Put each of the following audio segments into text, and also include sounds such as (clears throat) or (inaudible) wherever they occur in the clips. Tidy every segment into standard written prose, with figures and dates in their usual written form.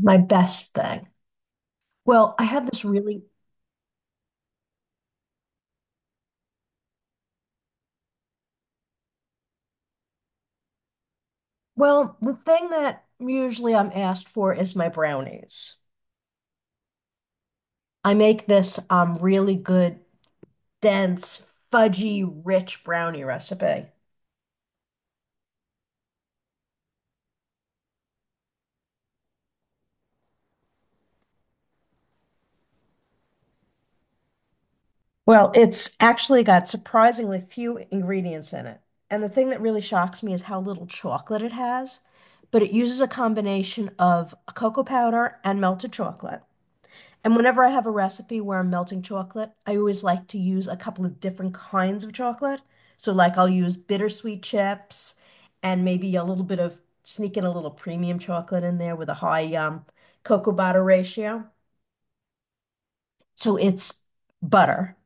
My best thing. Well, I have this really, well, the thing that usually I'm asked for is my brownies. I make this really good, dense, fudgy, rich brownie recipe. Well, it's actually got surprisingly few ingredients in it. And the thing that really shocks me is how little chocolate it has, but it uses a combination of cocoa powder and melted chocolate. And whenever I have a recipe where I'm melting chocolate, I always like to use a couple of different kinds of chocolate. So, like, I'll use bittersweet chips and maybe a little bit of sneak in a little premium chocolate in there with a high cocoa butter ratio. So, it's butter.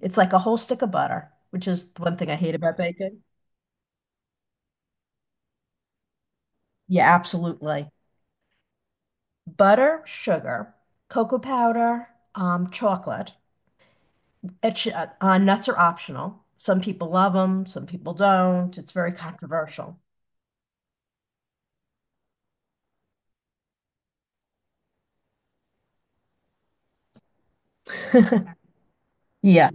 It's like a whole stick of butter, which is the one thing I hate about bacon. Yeah, absolutely. Butter, sugar, cocoa powder, chocolate. Nuts are optional. Some people love them, some people don't. It's very controversial. (laughs) Yeah.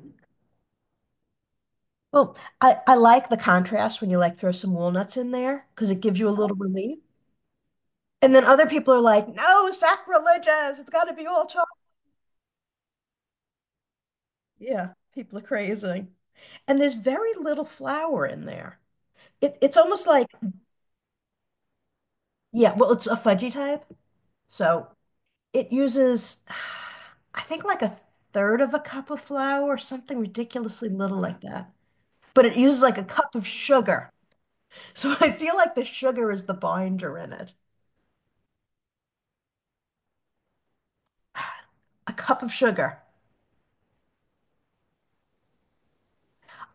Well, I like the contrast when you like throw some walnuts in there because it gives you a little relief. And then other people are like, no, sacrilegious. It's got to be all chocolate. Yeah, people are crazy. And there's very little flour in there. It's almost like, yeah, well, it's a fudgy type. So it uses, I think, like a third of a cup of flour, something ridiculously little like that. But it uses like a cup of sugar. So I feel like the sugar is the binder in it. A cup of sugar.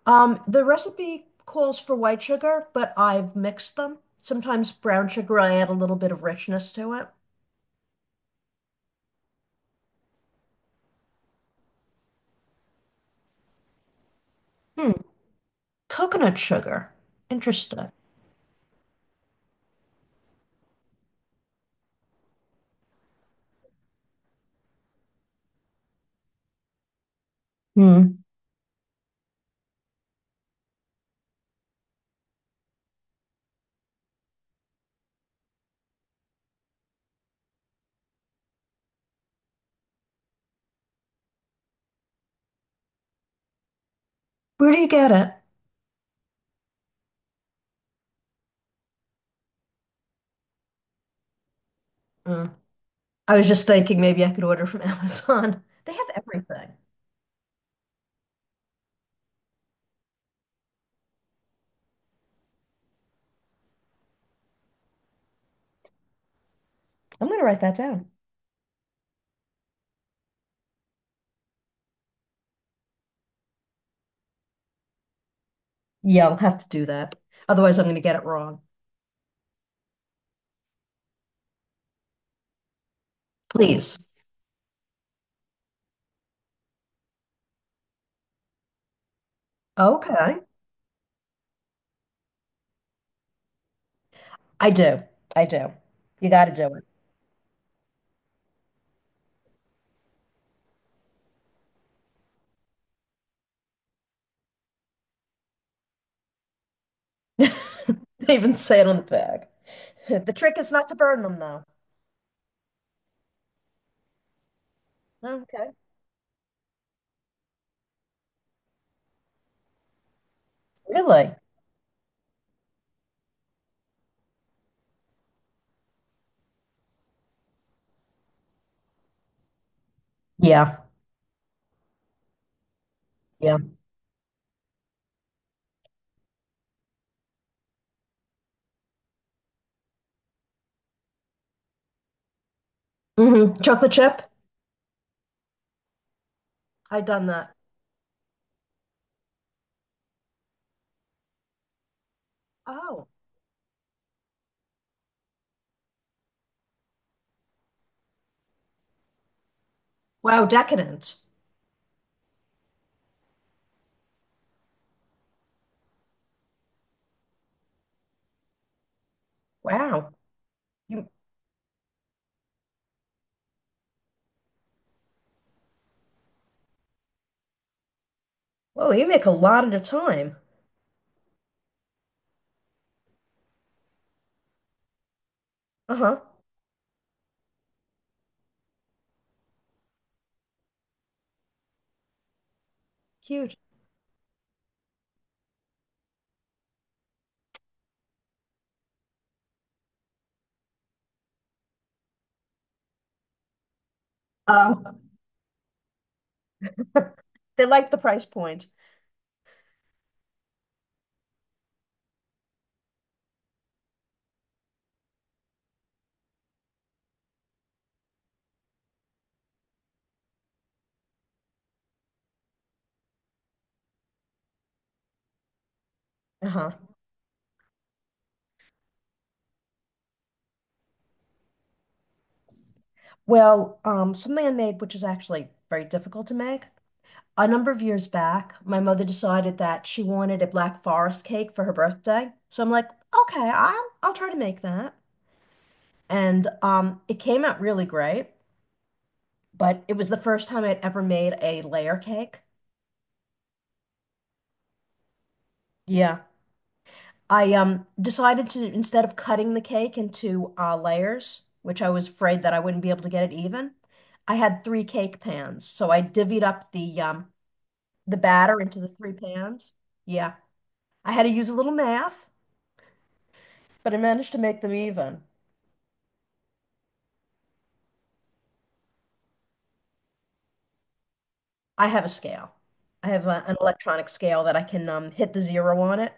The recipe calls for white sugar, but I've mixed them. Sometimes brown sugar, I add a little bit of richness to it. Hmm. Coconut sugar. Interesting. Hmm. Where do you get it? Hmm. I was just thinking maybe I could order from (laughs) Amazon. They have everything. I'm gonna write that down. Yeah, I'll have to do that. Otherwise, I'm gonna get it wrong. Please. Okay. I do. I do. You got to do it. (laughs) They even say it on the bag. The trick is not to burn them, though. Okay. Really? Yeah. Yeah. Hmm. Chocolate chip? I done that. Oh, wow, decadent. Wow. You, whoa, you make a lot at a time. Uh-huh. Huge. Um, they like the price point. Uh-huh. Well, something I made, which is actually very difficult to make. A number of years back, my mother decided that she wanted a Black Forest cake for her birthday. So I'm like, okay, I'll try to make that. And it came out really great, but it was the first time I'd ever made a layer cake. Yeah. I decided to, instead of cutting the cake into layers, which I was afraid that I wouldn't be able to get it even, I had three cake pans. So I divvied up the batter into the three pans. Yeah. I had to use a little math, but I managed to make them even. I have a scale. I have a, an electronic scale that I can hit the zero on it.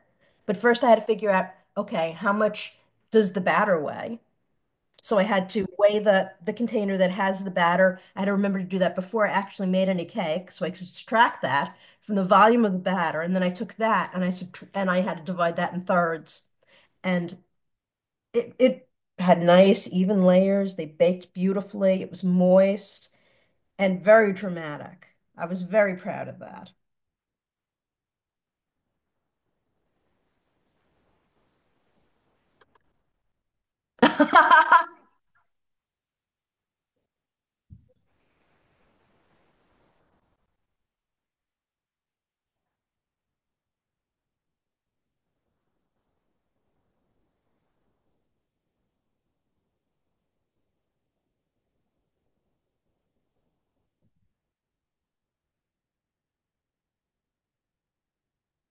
But first, I had to figure out, okay, how much does the batter weigh? So I had to weigh the container that has the batter. I had to remember to do that before I actually made any cake, so I could subtract that from the volume of the batter, and then I took that and I subtr and I had to divide that in thirds, and it had nice even layers. They baked beautifully. It was moist and very dramatic. I was very proud of that. (laughs)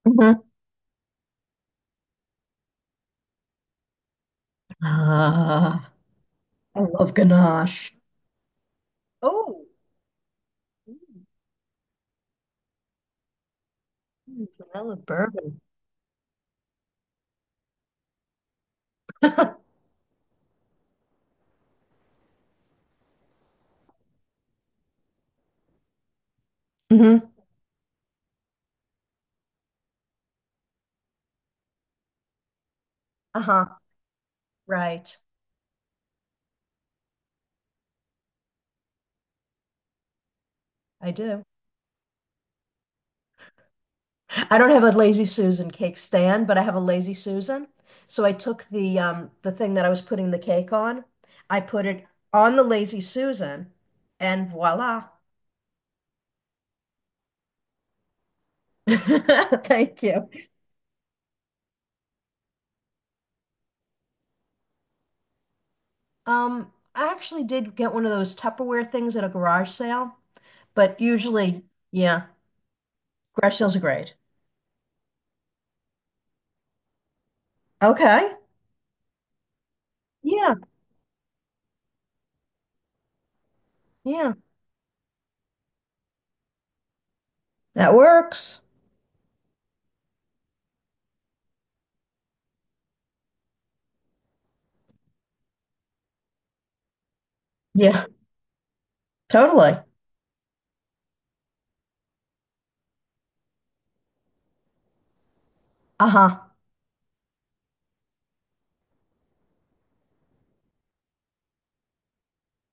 Mm-hmm. Ah, I love ganache. Oh, mm, I love bourbon. (laughs) Mm-hmm. Uh-huh, right. I do. I don't have a Lazy Susan cake stand, but I have a Lazy Susan. So I took the thing that I was putting the cake on, I put it on the Lazy Susan, and voila. (laughs) Thank you. I actually did get one of those Tupperware things at a garage sale, but usually, yeah, garage sales are great. Okay. Yeah, yeah, that works. Yeah. Totally. Uh-huh.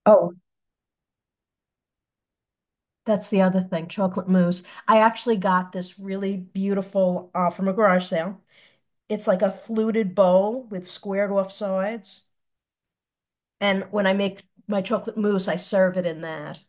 Oh, that's the other thing, chocolate mousse. I actually got this really beautiful from a garage sale. It's like a fluted bowl with squared off sides. And when I make my chocolate mousse, I serve it in that.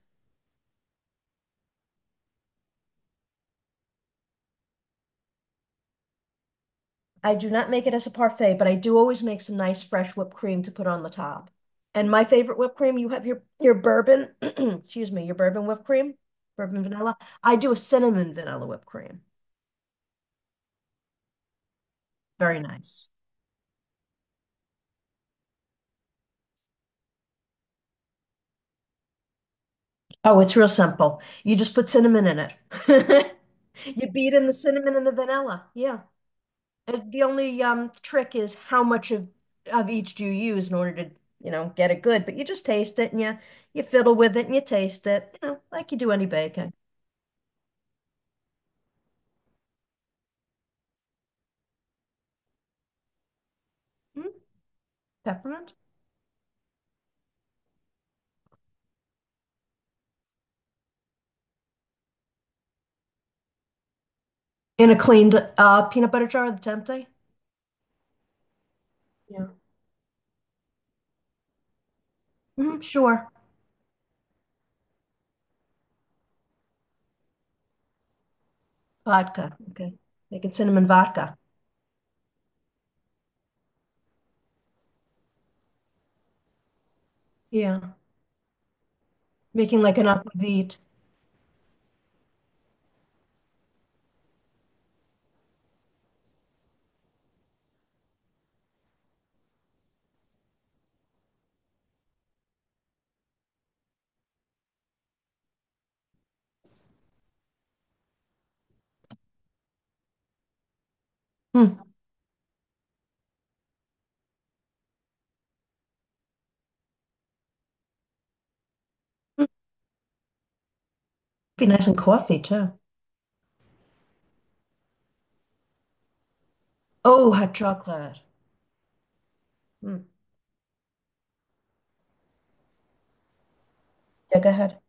I do not make it as a parfait, but I do always make some nice fresh whipped cream to put on the top. And my favorite whipped cream, you have your bourbon, (clears throat) excuse me, your bourbon whipped cream, bourbon vanilla. I do a cinnamon vanilla whipped cream. Very nice. Oh, it's real simple. You just put cinnamon in it. (laughs) You beat in the cinnamon and the vanilla. Yeah. The only trick is how much of each do you use in order to, you know, get it good. But you just taste it and you fiddle with it and you taste it, you know, like you do any baking. Hmm. Peppermint? In a cleaned peanut butter jar that's empty? Yeah. Hmm, sure. Vodka. Okay. Making cinnamon vodka. Yeah. Making like an aquavit. Hmm. Be nice and coffee too. Oh, hot chocolate. Hmm. Yeah, go ahead.